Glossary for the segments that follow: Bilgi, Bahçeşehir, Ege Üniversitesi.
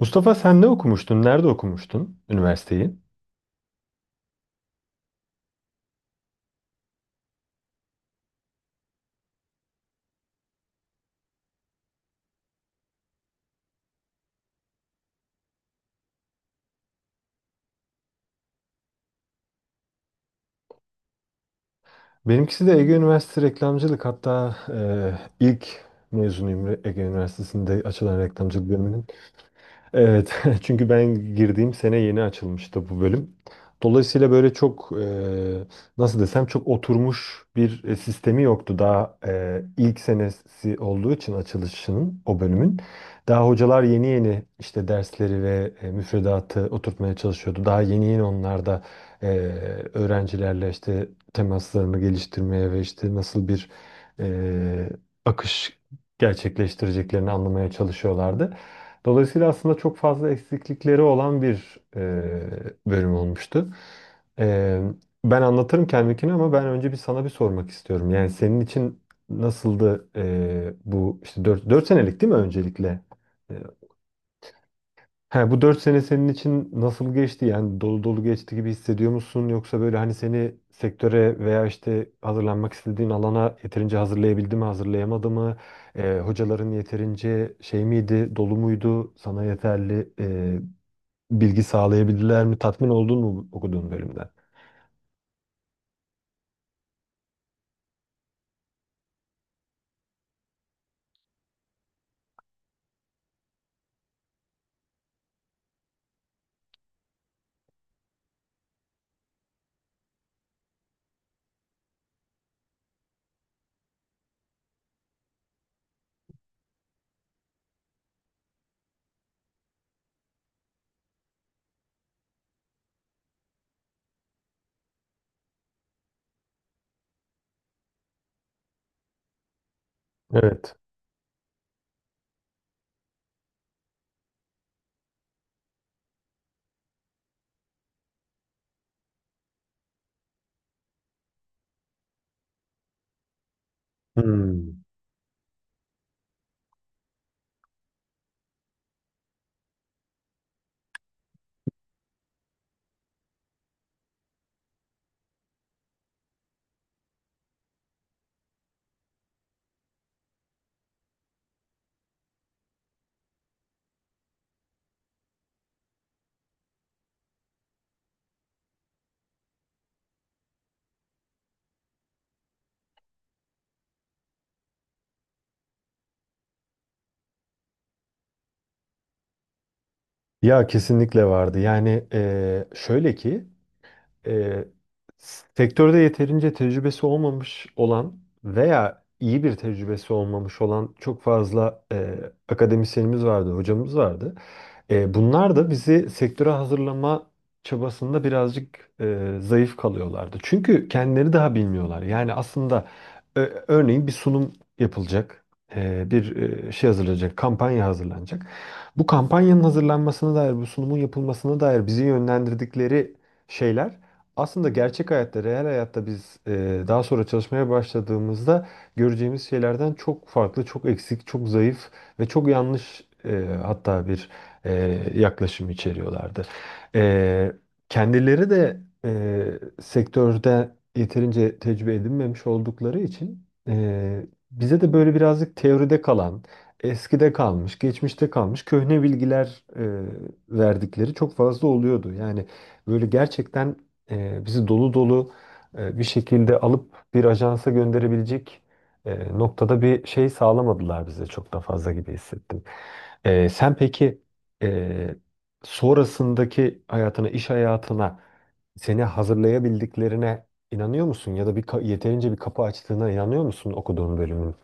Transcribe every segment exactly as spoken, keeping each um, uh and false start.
Mustafa sen ne okumuştun? Nerede okumuştun üniversiteyi? Benimkisi de Ege Üniversitesi reklamcılık. Hatta e, ilk mezunuyum Ege Üniversitesi'nde açılan reklamcılık bölümünün. Evet, çünkü ben girdiğim sene yeni açılmıştı bu bölüm. Dolayısıyla böyle çok e, nasıl desem çok oturmuş bir e, sistemi yoktu. Daha e, ilk senesi olduğu için açılışının o bölümün. Daha hocalar yeni yeni işte dersleri ve e, müfredatı oturtmaya çalışıyordu. Daha yeni yeni onlar da e, öğrencilerle işte temaslarını geliştirmeye ve işte nasıl bir e, akış gerçekleştireceklerini anlamaya çalışıyorlardı. Dolayısıyla aslında çok fazla eksiklikleri olan bir e, bölüm olmuştu. E, Ben anlatırım kendimkini ama ben önce bir sana bir sormak istiyorum. Yani senin için nasıldı e, bu işte dört dört senelik değil mi öncelikle? He, bu dört sene senin için nasıl geçti? Yani dolu dolu geçti gibi hissediyor musun? Yoksa böyle hani seni sektöre veya işte hazırlanmak istediğin alana yeterince hazırlayabildi mi, hazırlayamadı mı? Ee, hocaların yeterince şey miydi, dolu muydu? Sana yeterli e, bilgi sağlayabildiler mi? Tatmin oldun mu bu- okuduğun bölümden? Evet. Hmm. Ya kesinlikle vardı. Yani e, şöyle ki e, sektörde yeterince tecrübesi olmamış olan veya iyi bir tecrübesi olmamış olan çok fazla e, akademisyenimiz vardı, hocamız vardı. E, bunlar da bizi sektöre hazırlama çabasında birazcık e, zayıf kalıyorlardı. Çünkü kendileri daha bilmiyorlar. Yani aslında e, örneğin bir sunum yapılacak, e, bir e, şey hazırlanacak, kampanya hazırlanacak. Bu kampanyanın hazırlanmasına dair, bu sunumun yapılmasına dair bizi yönlendirdikleri şeyler aslında gerçek hayatta, reel hayatta biz e, daha sonra çalışmaya başladığımızda göreceğimiz şeylerden çok farklı, çok eksik, çok zayıf ve çok yanlış e, hatta bir e, yaklaşım içeriyorlardı. E, Kendileri de e, sektörde yeterince tecrübe edinmemiş oldukları için e, bize de böyle birazcık teoride kalan, eskide kalmış, geçmişte kalmış köhne bilgiler e, verdikleri çok fazla oluyordu. Yani böyle gerçekten e, bizi dolu dolu e, bir şekilde alıp bir ajansa gönderebilecek e, noktada bir şey sağlamadılar bize çok da fazla gibi hissettim. E, sen peki e, sonrasındaki hayatına, iş hayatına seni hazırlayabildiklerine inanıyor musun? Ya da bir ka- yeterince bir kapı açtığına inanıyor musun okuduğun bölümün?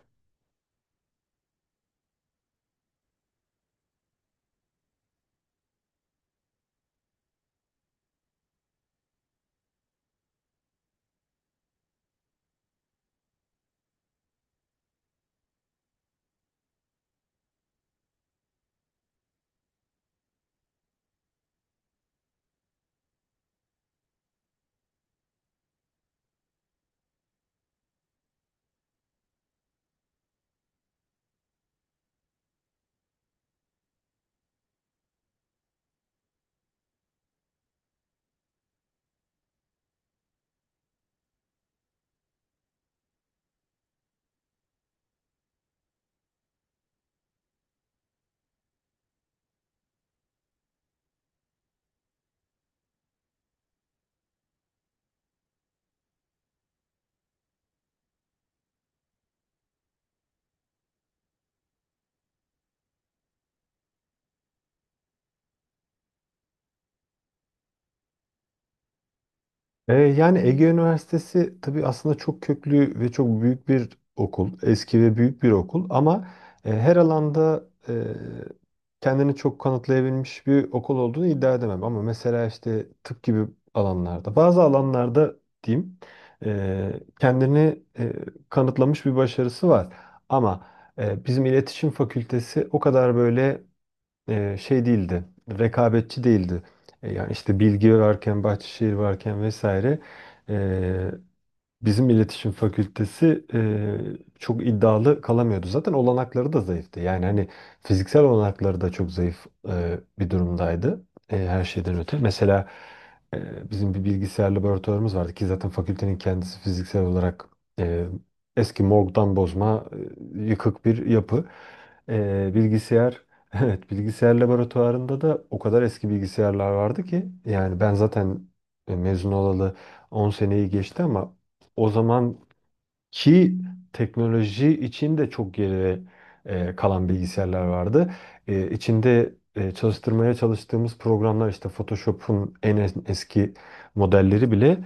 E, yani Ege Üniversitesi tabii aslında çok köklü ve çok büyük bir okul. Eski ve büyük bir okul ama e, her alanda e, kendini çok kanıtlayabilmiş bir okul olduğunu iddia edemem. Ama mesela işte tıp gibi alanlarda, bazı alanlarda diyeyim e, kendini e, kanıtlamış bir başarısı var. Ama e, bizim iletişim fakültesi o kadar böyle e, şey değildi, rekabetçi değildi. E, yani işte Bilgi varken, Bahçeşehir varken vesaire e, bizim iletişim fakültesi eee, çok iddialı kalamıyordu. Zaten olanakları da zayıftı. Yani hani fiziksel olanakları da çok zayıf eee, bir durumdaydı. Eee, her şeyden öte. Mesela eee, bizim bir bilgisayar laboratuvarımız vardı ki zaten fakültenin kendisi fiziksel olarak eee, eski morgdan bozma eee, yıkık bir yapı. Eee, bilgisayar Evet, bilgisayar laboratuvarında da o kadar eski bilgisayarlar vardı ki yani ben zaten e, mezun olalı on seneyi geçti ama o zamanki teknoloji için de çok geri e, kalan bilgisayarlar vardı. E, içinde e, çalıştırmaya çalıştığımız programlar işte Photoshop'un en es- eski modelleri bile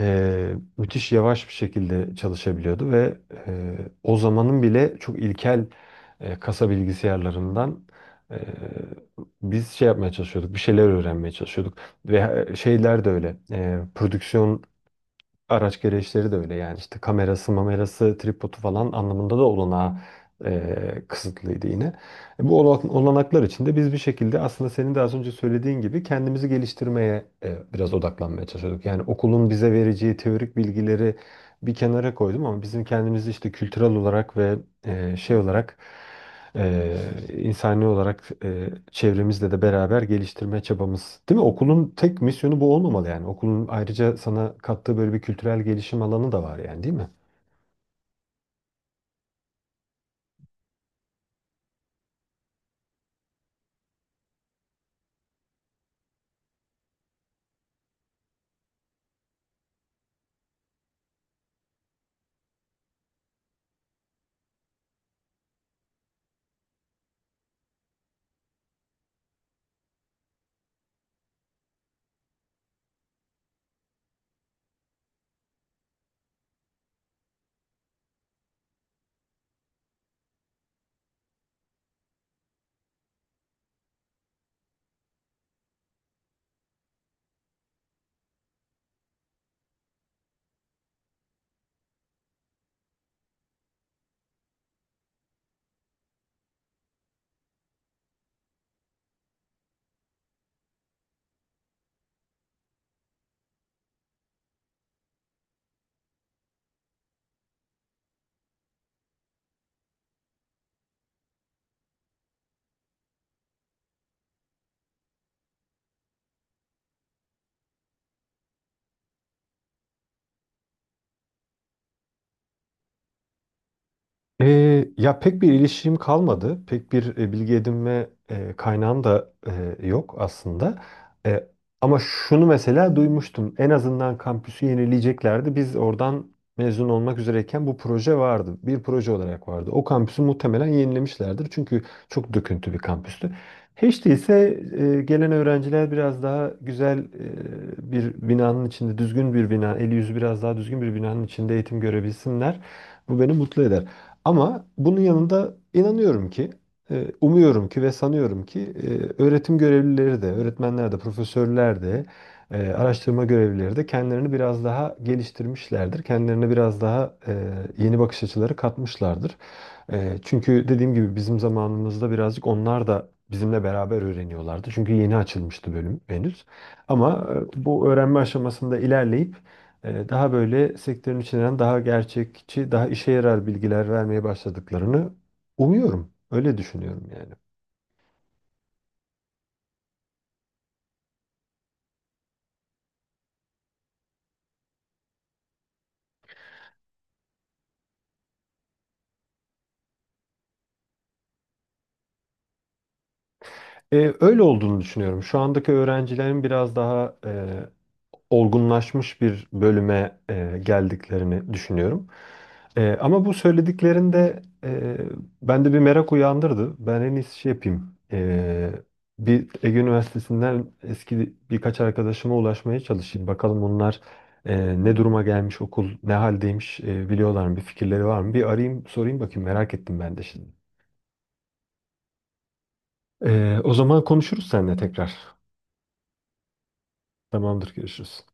e, müthiş yavaş bir şekilde çalışabiliyordu ve e, o zamanın bile çok ilkel e, kasa bilgisayarlarından e, biz şey yapmaya çalışıyorduk, bir şeyler öğrenmeye çalışıyorduk ve e, şeyler de öyle, e, prodüksiyon araç gereçleri de öyle yani işte kamerası, mamerası, tripodu falan anlamında da olanağı e, kısıtlıydı yine. E, Bu ola- olanaklar içinde biz bir şekilde aslında senin de az önce söylediğin gibi kendimizi geliştirmeye e, biraz odaklanmaya çalışıyorduk. Yani okulun bize vereceği teorik bilgileri bir kenara koydum ama bizim kendimizi işte kültürel olarak ve e, şey olarak e, insani olarak e, çevremizle de beraber geliştirme çabamız. Değil mi? Okulun tek misyonu bu olmamalı yani. Okulun ayrıca sana kattığı böyle bir kültürel gelişim alanı da var yani değil mi? Ee, ya pek bir ilişkim kalmadı. Pek bir e, bilgi edinme e, kaynağım da e, yok aslında. E, Ama şunu mesela duymuştum. En azından kampüsü yenileyeceklerdi. Biz oradan mezun olmak üzereyken bu proje vardı. Bir proje olarak vardı. O kampüsü muhtemelen yenilemişlerdir. Çünkü çok döküntü bir kampüstü. Hiç değilse e, gelen öğrenciler biraz daha güzel e, bir binanın içinde, düzgün bir bina, eli yüzü biraz daha düzgün bir binanın içinde eğitim görebilsinler. Bu beni mutlu eder. Ama bunun yanında inanıyorum ki, e, umuyorum ki ve sanıyorum ki e, öğretim görevlileri de, öğretmenler de, profesörler de, e, araştırma görevlileri de kendilerini biraz daha geliştirmişlerdir. Kendilerine biraz daha e, yeni bakış açıları katmışlardır. E, Çünkü dediğim gibi bizim zamanımızda birazcık onlar da bizimle beraber öğreniyorlardı. Çünkü yeni açılmıştı bölüm henüz. Ama e, bu öğrenme aşamasında ilerleyip e, daha böyle sektörün içinden daha gerçekçi, daha işe yarar bilgiler vermeye başladıklarını umuyorum. Öyle düşünüyorum yani. E, öyle olduğunu düşünüyorum. Şu andaki öğrencilerin biraz daha e, olgunlaşmış bir bölüme e, geldiklerini düşünüyorum. E, ama bu söylediklerinde e, bende bir merak uyandırdı. Ben en iyisi şey yapayım. E, bir Ege Üniversitesi'nden eski birkaç arkadaşıma ulaşmaya çalışayım. Bakalım onlar e, ne duruma gelmiş okul, ne haldeymiş e, biliyorlar mı, bir fikirleri var mı? Bir arayayım, sorayım bakayım merak ettim ben de şimdi. E, o zaman konuşuruz seninle tekrar. Tamamdır, görüşürüz.